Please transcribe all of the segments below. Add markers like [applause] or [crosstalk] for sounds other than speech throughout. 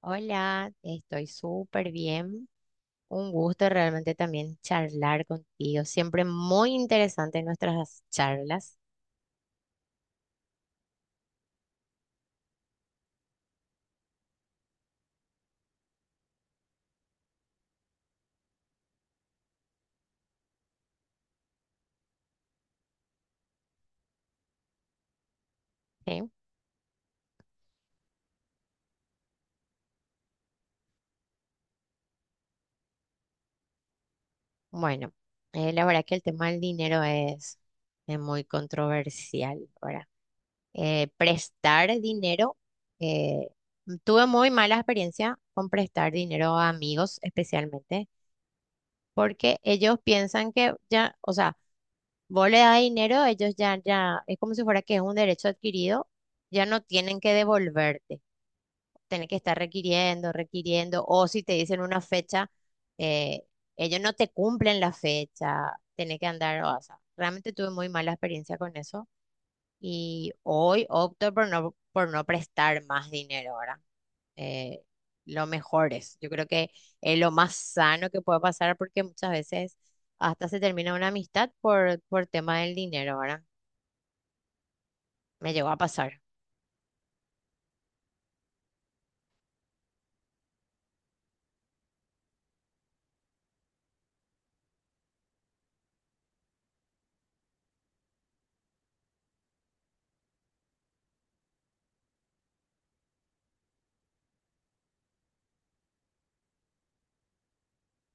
Hola, estoy súper bien. Un gusto realmente también charlar contigo. Siempre muy interesante nuestras charlas, ¿sí? Bueno, la verdad que el tema del dinero es muy controversial, ¿verdad? Prestar dinero, eh, tuve muy mala experiencia con prestar dinero a amigos especialmente, porque ellos piensan que ya, o sea, vos le das dinero, ellos ya, ya, es como si fuera que es un derecho adquirido, ya no tienen que devolverte, tienen que estar requiriendo, requiriendo, o si te dicen una fecha, eh, ellos no te cumplen la fecha, tenés que andar, o sea, realmente tuve muy mala experiencia con eso y hoy opto por no prestar más dinero ahora. Eh, lo mejor es, yo creo que es lo más sano que puede pasar porque muchas veces hasta se termina una amistad por tema del dinero, ¿verdad? Me llegó a pasar.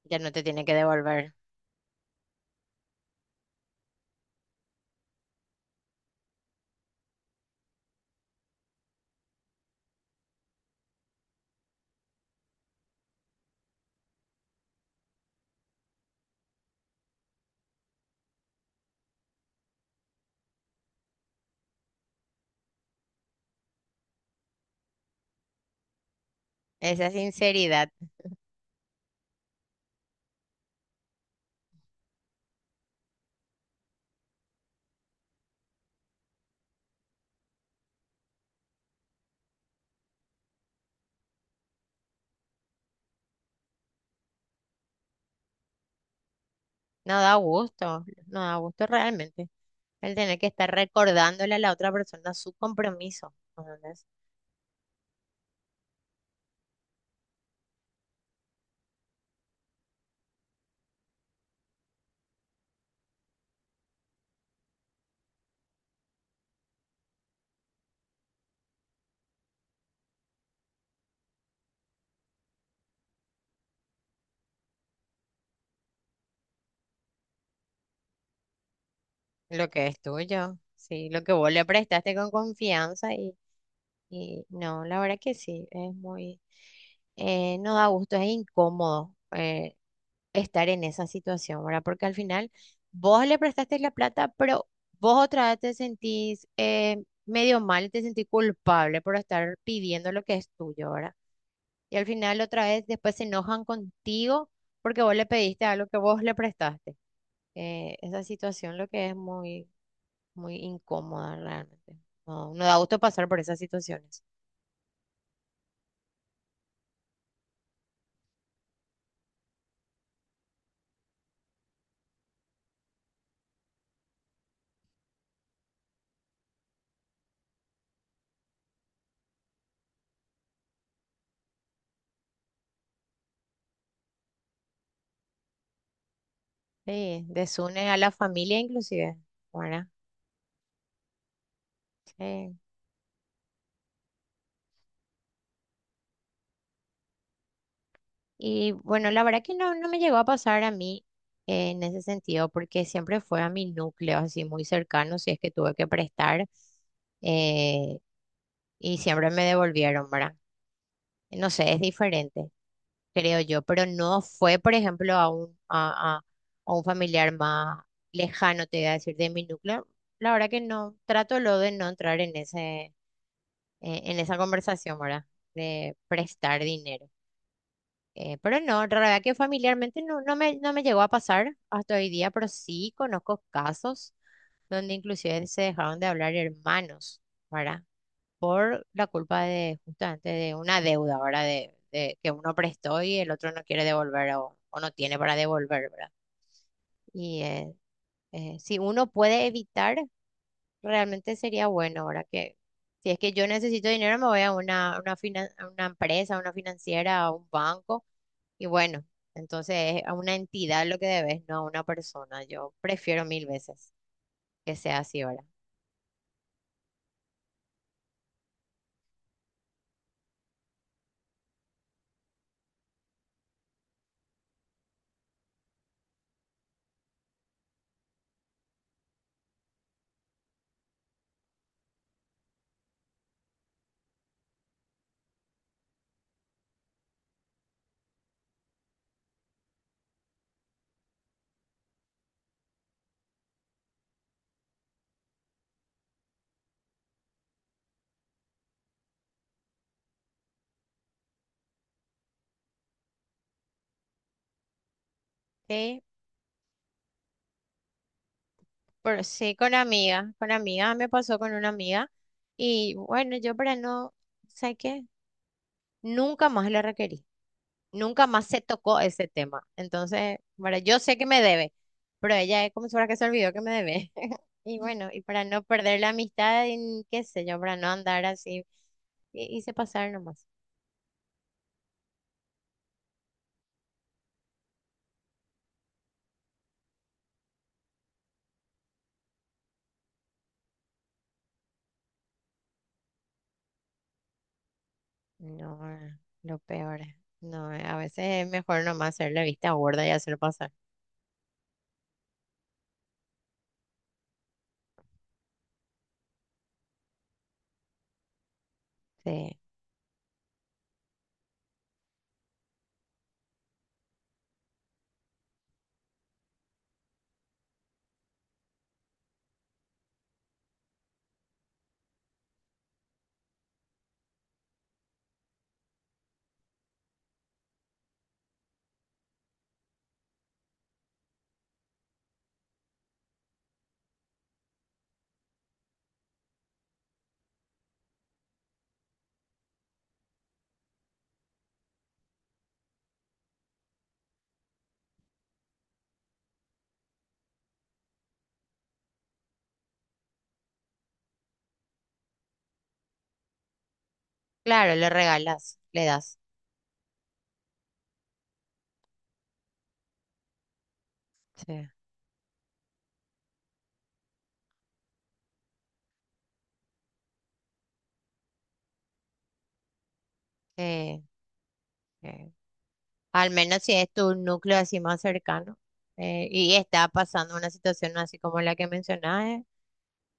Ya no te tiene que devolver. Esa sinceridad no da gusto, no da gusto realmente. El tener que estar recordándole a la otra persona su compromiso, ¿entendés? Lo que es tuyo, sí, lo que vos le prestaste con confianza. Y no, la verdad que sí, es muy, no da gusto, es incómodo, estar en esa situación, ¿verdad? Porque al final vos le prestaste la plata, pero vos otra vez te sentís, medio mal, te sentís culpable por estar pidiendo lo que es tuyo, ¿verdad? Y al final otra vez después se enojan contigo porque vos le pediste algo que vos le prestaste. Esa situación lo que es muy, muy incómoda realmente. No, no da gusto pasar por esas situaciones. Sí, desune a la familia inclusive, ¿verdad? Sí. Y bueno, la verdad que no, no me llegó a pasar a mí, en ese sentido, porque siempre fue a mi núcleo, así muy cercano, si es que tuve que prestar, eh, y siempre me devolvieron, ¿verdad? No sé, es diferente, creo yo, pero no fue, por ejemplo, a un, a, a un familiar más lejano, te voy a decir, de mi núcleo. La verdad que no, trato lo de no entrar en ese, en esa conversación, ¿verdad? De prestar dinero. Pero no, la verdad que familiarmente no, no me, no me llegó a pasar hasta hoy día, pero sí conozco casos donde inclusive se dejaron de hablar hermanos, ¿verdad? Por la culpa de justamente de una deuda, ¿verdad? De que uno prestó y el otro no quiere devolver o no tiene para devolver, ¿verdad? Y si uno puede evitar. Realmente sería bueno ahora que, si es que yo necesito dinero, me voy a una, a una empresa, a una financiera, a un banco. Y bueno, entonces es a una entidad lo que debes, no a una persona. Yo prefiero mil veces que sea así ahora. Sí, pero sí, con amigas, me pasó con una amiga. Y bueno, yo para no, ¿sabes qué? Nunca más la requerí. Nunca más se tocó ese tema. Entonces, bueno, yo sé que me debe, pero ella es como si fuera que se olvidó que me debe. [laughs] Y bueno, y para no perder la amistad, y qué sé yo, para no andar así, hice pasar nomás. No, lo peor. No, a veces es mejor nomás hacer la vista gorda y hacerlo pasar. Sí. Claro, le regalas, le das. Sí. Eh, eh, al menos si es tu núcleo así más cercano, y está pasando una situación así como la que mencionas.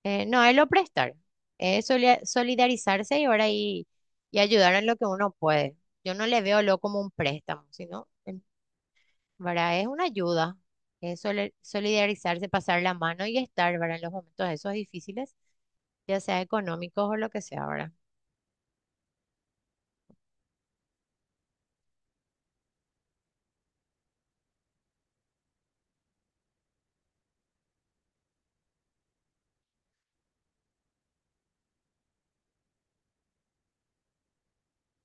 No, es lo prestar, es solidarizarse y ahora y ayudar en lo que uno puede. Yo no le veo lo como un préstamo, sino, ¿verdad? Es una ayuda, es solidarizarse, pasar la mano y estar, ¿verdad? En los momentos esos difíciles, ya sea económicos o lo que sea, ¿verdad?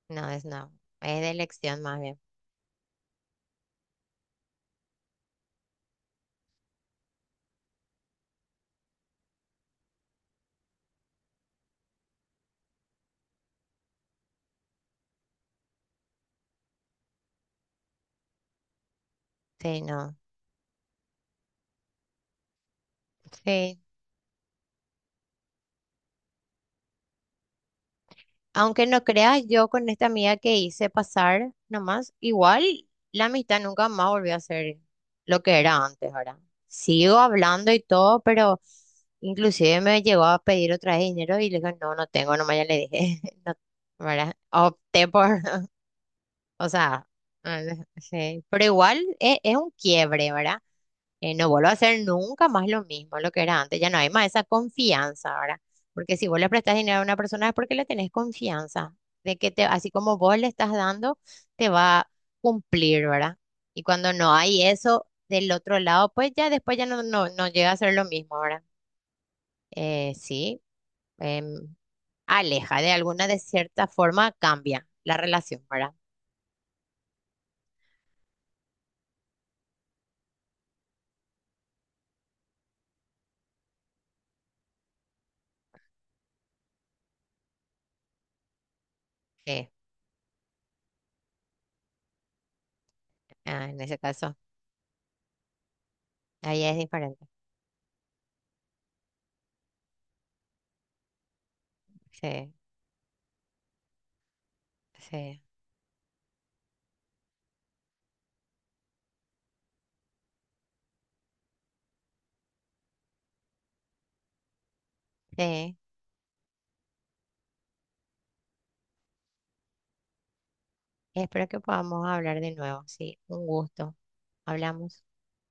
No, es no, es de elección más bien. Sí, no, sí. Aunque no creas, yo con esta amiga que hice pasar nomás, igual la amistad nunca más volvió a ser lo que era antes, ¿verdad? Sigo hablando y todo, pero inclusive me llegó a pedir otra vez dinero y le dije, no, no tengo, nomás ya le dije, [laughs] no, ¿verdad? Opté por, [laughs] o sea, sí, pero igual es un quiebre, ¿verdad? No vuelvo a hacer nunca más lo mismo, lo que era antes, ya no hay más esa confianza ahora, porque si vos le prestás dinero a una persona es porque le tenés confianza, de que te, así como vos le estás dando, te va a cumplir, ¿verdad? Y cuando no hay eso del otro lado, pues ya después ya no, no, no llega a ser lo mismo, ¿verdad? Sí, em, aleja de alguna, de cierta forma cambia la relación, ¿verdad? Sí, ah, en ese caso, ahí es diferente, sí, sí, sí. Espero que podamos hablar de nuevo. Sí, un gusto. Hablamos.